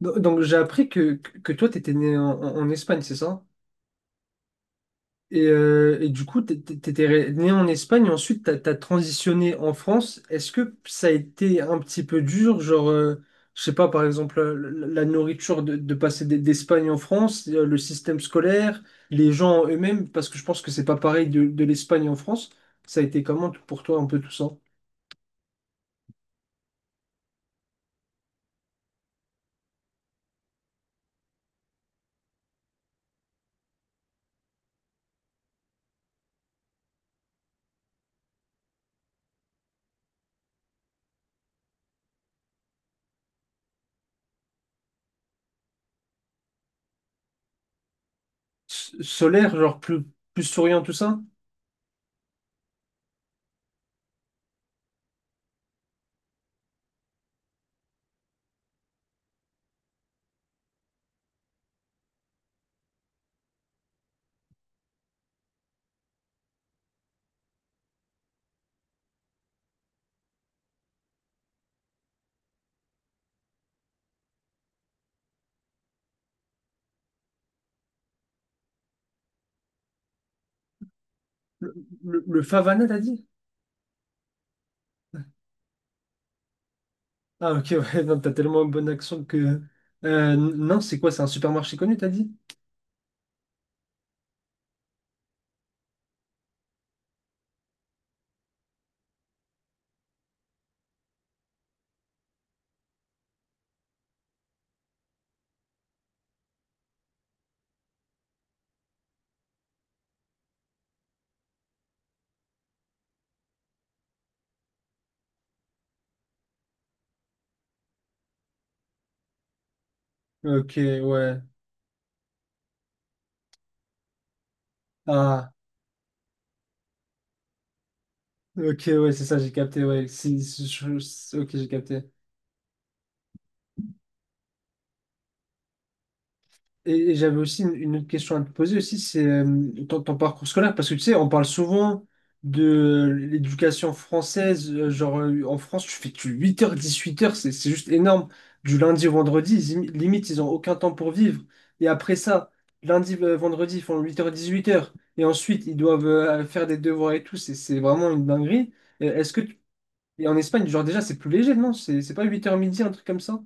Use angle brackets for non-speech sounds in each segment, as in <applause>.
Donc j'ai appris que toi, t'étais né en Espagne, c'est ça? Et du coup, t'é- t'é- t'étais étais né en Espagne, et ensuite t'as transitionné en France. Est-ce que ça a été un petit peu dur, genre, je sais pas, par exemple, la nourriture de passer d'Espagne en France, le système scolaire, les gens eux-mêmes, parce que je pense que c'est pas pareil de l'Espagne en France. Ça a été comment pour toi un peu tout ça? Solaire, genre plus, plus souriant, tout ça? Le, le Favana, t'as dit? Ah, ok, ouais, <laughs> non, t'as tellement un bon accent que. Non, c'est quoi? C'est un supermarché connu, t'as dit? Ok, ouais. Ah, ok, ouais, c'est ça, j'ai capté, ouais. Ok, j'ai capté. Et j'avais aussi une autre question à te poser aussi, c'est ton parcours scolaire, parce que tu sais, on parle souvent de l'éducation française, en France, tu fais tu 8h, 18h, c'est juste énorme. Du lundi au vendredi, limite, ils n'ont aucun temps pour vivre. Et après ça, lundi, vendredi, ils font 8h, 18h. Et ensuite, ils doivent faire des devoirs et tout, c'est vraiment une dinguerie. Euh, Est-ce que tu- Et en Espagne, genre déjà, c'est plus léger, non? C'est pas 8h midi, un truc comme ça?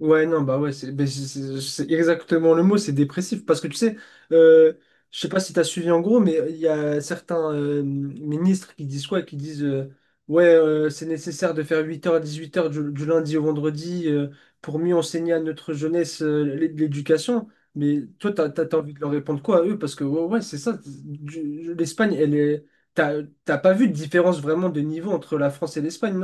Ouais, non, bah ouais, c'est exactement le mot, c'est dépressif. Parce que tu sais, euh, je sais pas si tu as suivi en gros, mais il y a certains ministres qui disent quoi? Qui disent ouais, c'est nécessaire de faire huit heures à 18h du lundi au vendredi pour mieux enseigner à notre jeunesse l'éducation. Mais toi, t'as envie de leur répondre quoi à eux? Parce que ouais, ouais, c'est ça. L'Espagne, elle est. T'as, t'as pas vu de différence vraiment de niveau entre la France et l'Espagne.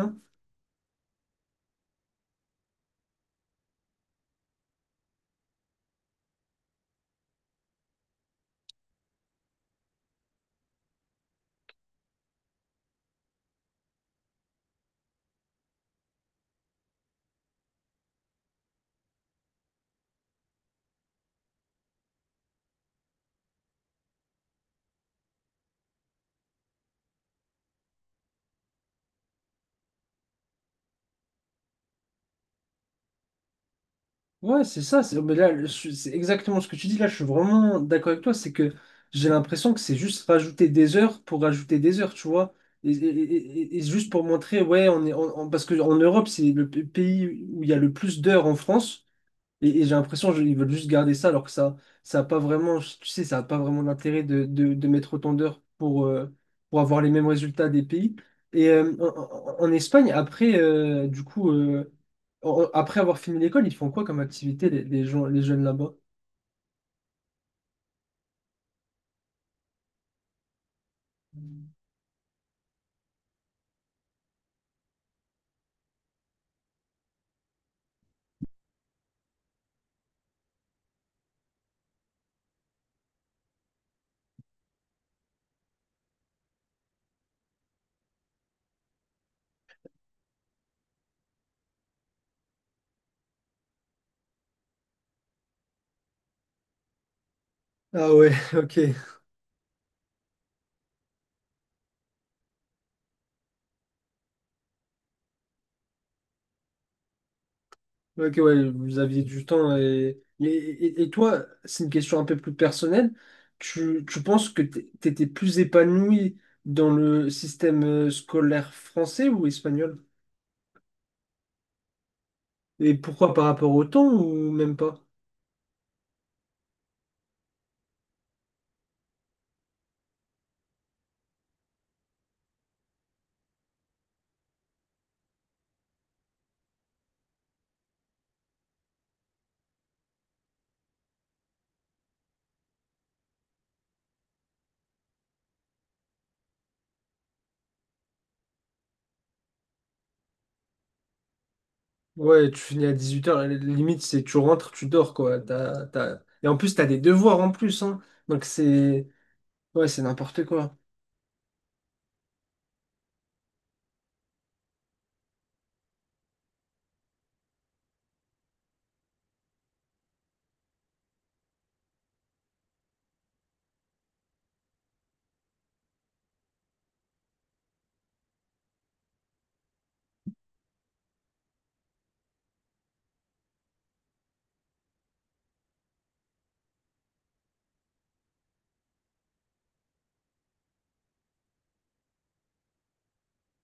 Ouais, c'est ça. C'est mais là, je- C'est exactement ce que tu dis. Là, je suis vraiment d'accord avec toi. C'est que j'ai l'impression que c'est juste rajouter des heures pour rajouter des heures, tu vois. Et, et- et- et juste pour montrer, ouais, on est, on- parce qu'en Europe, c'est le pays où il y a le plus d'heures en France. Et j'ai l'impression qu'ils veulent juste garder ça alors que ça a pas vraiment tu sais ça a pas vraiment d'intérêt de mettre autant d'heures pour avoir les mêmes résultats des pays. Et en Espagne après du coup après avoir fini l'école ils font quoi comme activité les gens les jeunes là-bas? Ah ouais, <laughs> ok. Ok, ouais, vous aviez du temps. Et toi, c'est une question un peu plus personnelle. Tu penses que tu étais plus épanoui dans le système scolaire français ou espagnol? Et pourquoi par rapport au temps ou même pas? Ouais, tu finis à 18h, limite, c'est tu rentres, tu dors, quoi. Et en plus, t'as des devoirs en plus, hein. Donc c'est... Ouais, c'est n'importe quoi.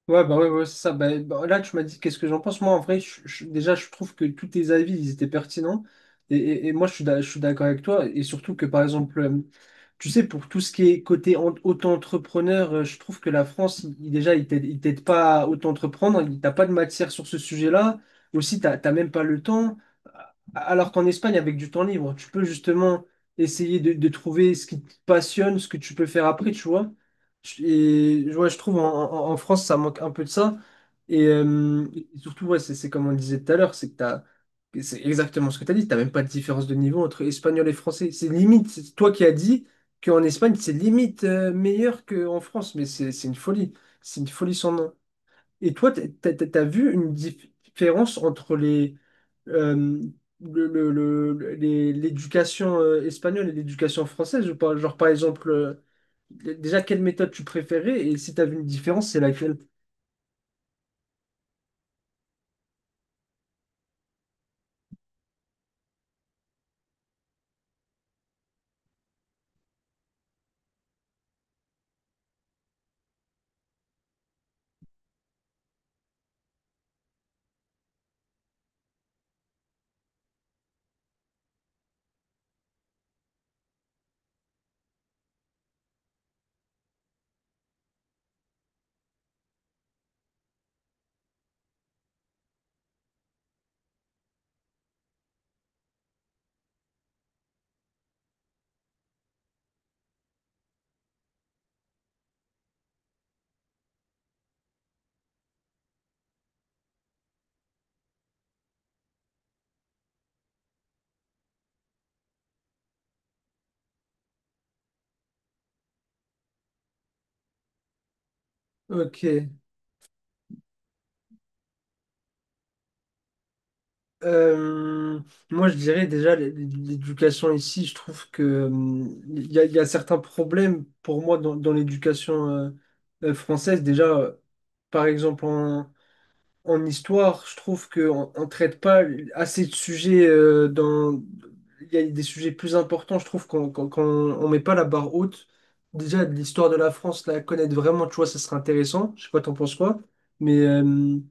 Ouais, bah ouais, ouais, c'est ça. Bah, bah, là, tu m'as dit qu'est-ce que j'en pense. Moi, en vrai, déjà, je trouve que tous tes avis, ils étaient pertinents. Et moi, je suis d'accord avec toi. Et surtout que, par exemple, tu sais, pour tout ce qui est côté auto-entrepreneur, je trouve que la France, déjà, il t'aide pas à auto-entreprendre. T'as pas de matière sur ce sujet-là. Aussi, t'as même pas le temps. Alors qu'en Espagne, avec du temps libre, tu peux justement essayer de trouver ce qui te passionne, ce que tu peux faire après, tu vois. Et, ouais, je trouve en France, ça manque un peu de ça. Et surtout, ouais, c'est comme on le disait tout à l'heure, c'est que et c'est exactement ce que tu as dit, tu même pas de différence de niveau entre espagnol et français. C'est limite, c'est toi qui as dit qu'en Espagne, c'est limite meilleur qu'en France, mais c'est une folie. C'est une folie sans nom. Et toi, tu as vu une différence entre les, euh, le- les- l'éducation espagnole et l'éducation française ou pas? Genre, par exemple, déjà, quelle méthode tu préférais et si tu as vu une différence, c'est laquelle? Ok. Euh, Moi, je dirais déjà, l'éducation ici, je trouve que il y a certains problèmes pour moi dans l'éducation française. Déjà, par exemple, en histoire, je trouve qu'on ne traite pas assez de sujets dans... Il y a des sujets plus importants, je trouve on met pas la barre haute. Déjà, de l'histoire de la France, la connaître vraiment, tu vois, ça serait intéressant. Je sais pas, t'en penses quoi. Mais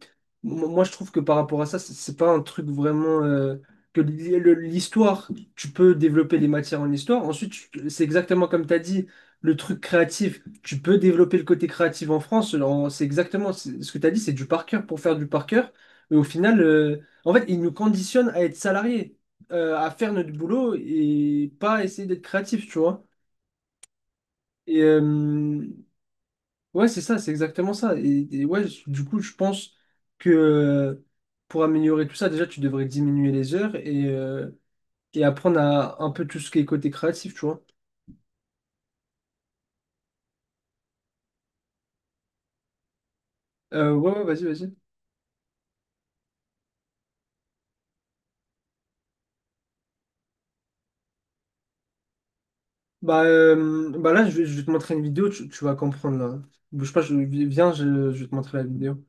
moi, je trouve que par rapport à ça, c'est pas un truc vraiment... l'histoire, tu peux développer les matières en histoire. Ensuite, c'est exactement comme tu as dit, le truc créatif tu peux développer le côté créatif en France. C'est exactement ce que tu as dit, c'est du par cœur pour faire du par cœur. Mais au final, en fait, ils nous conditionnent à être salariés, à faire notre boulot et pas essayer d'être créatif, tu vois. Et ouais, c'est ça, c'est exactement ça. Ouais, du coup, je pense que pour améliorer tout ça, déjà, tu devrais diminuer les heures et apprendre à un peu tout ce qui est côté créatif, tu vois. Ouais, ouais, vas-y, vas-y. Bah, là, je vais te montrer une vidéo, tu vas comprendre là. Bouge pas, viens, je vais te montrer la vidéo.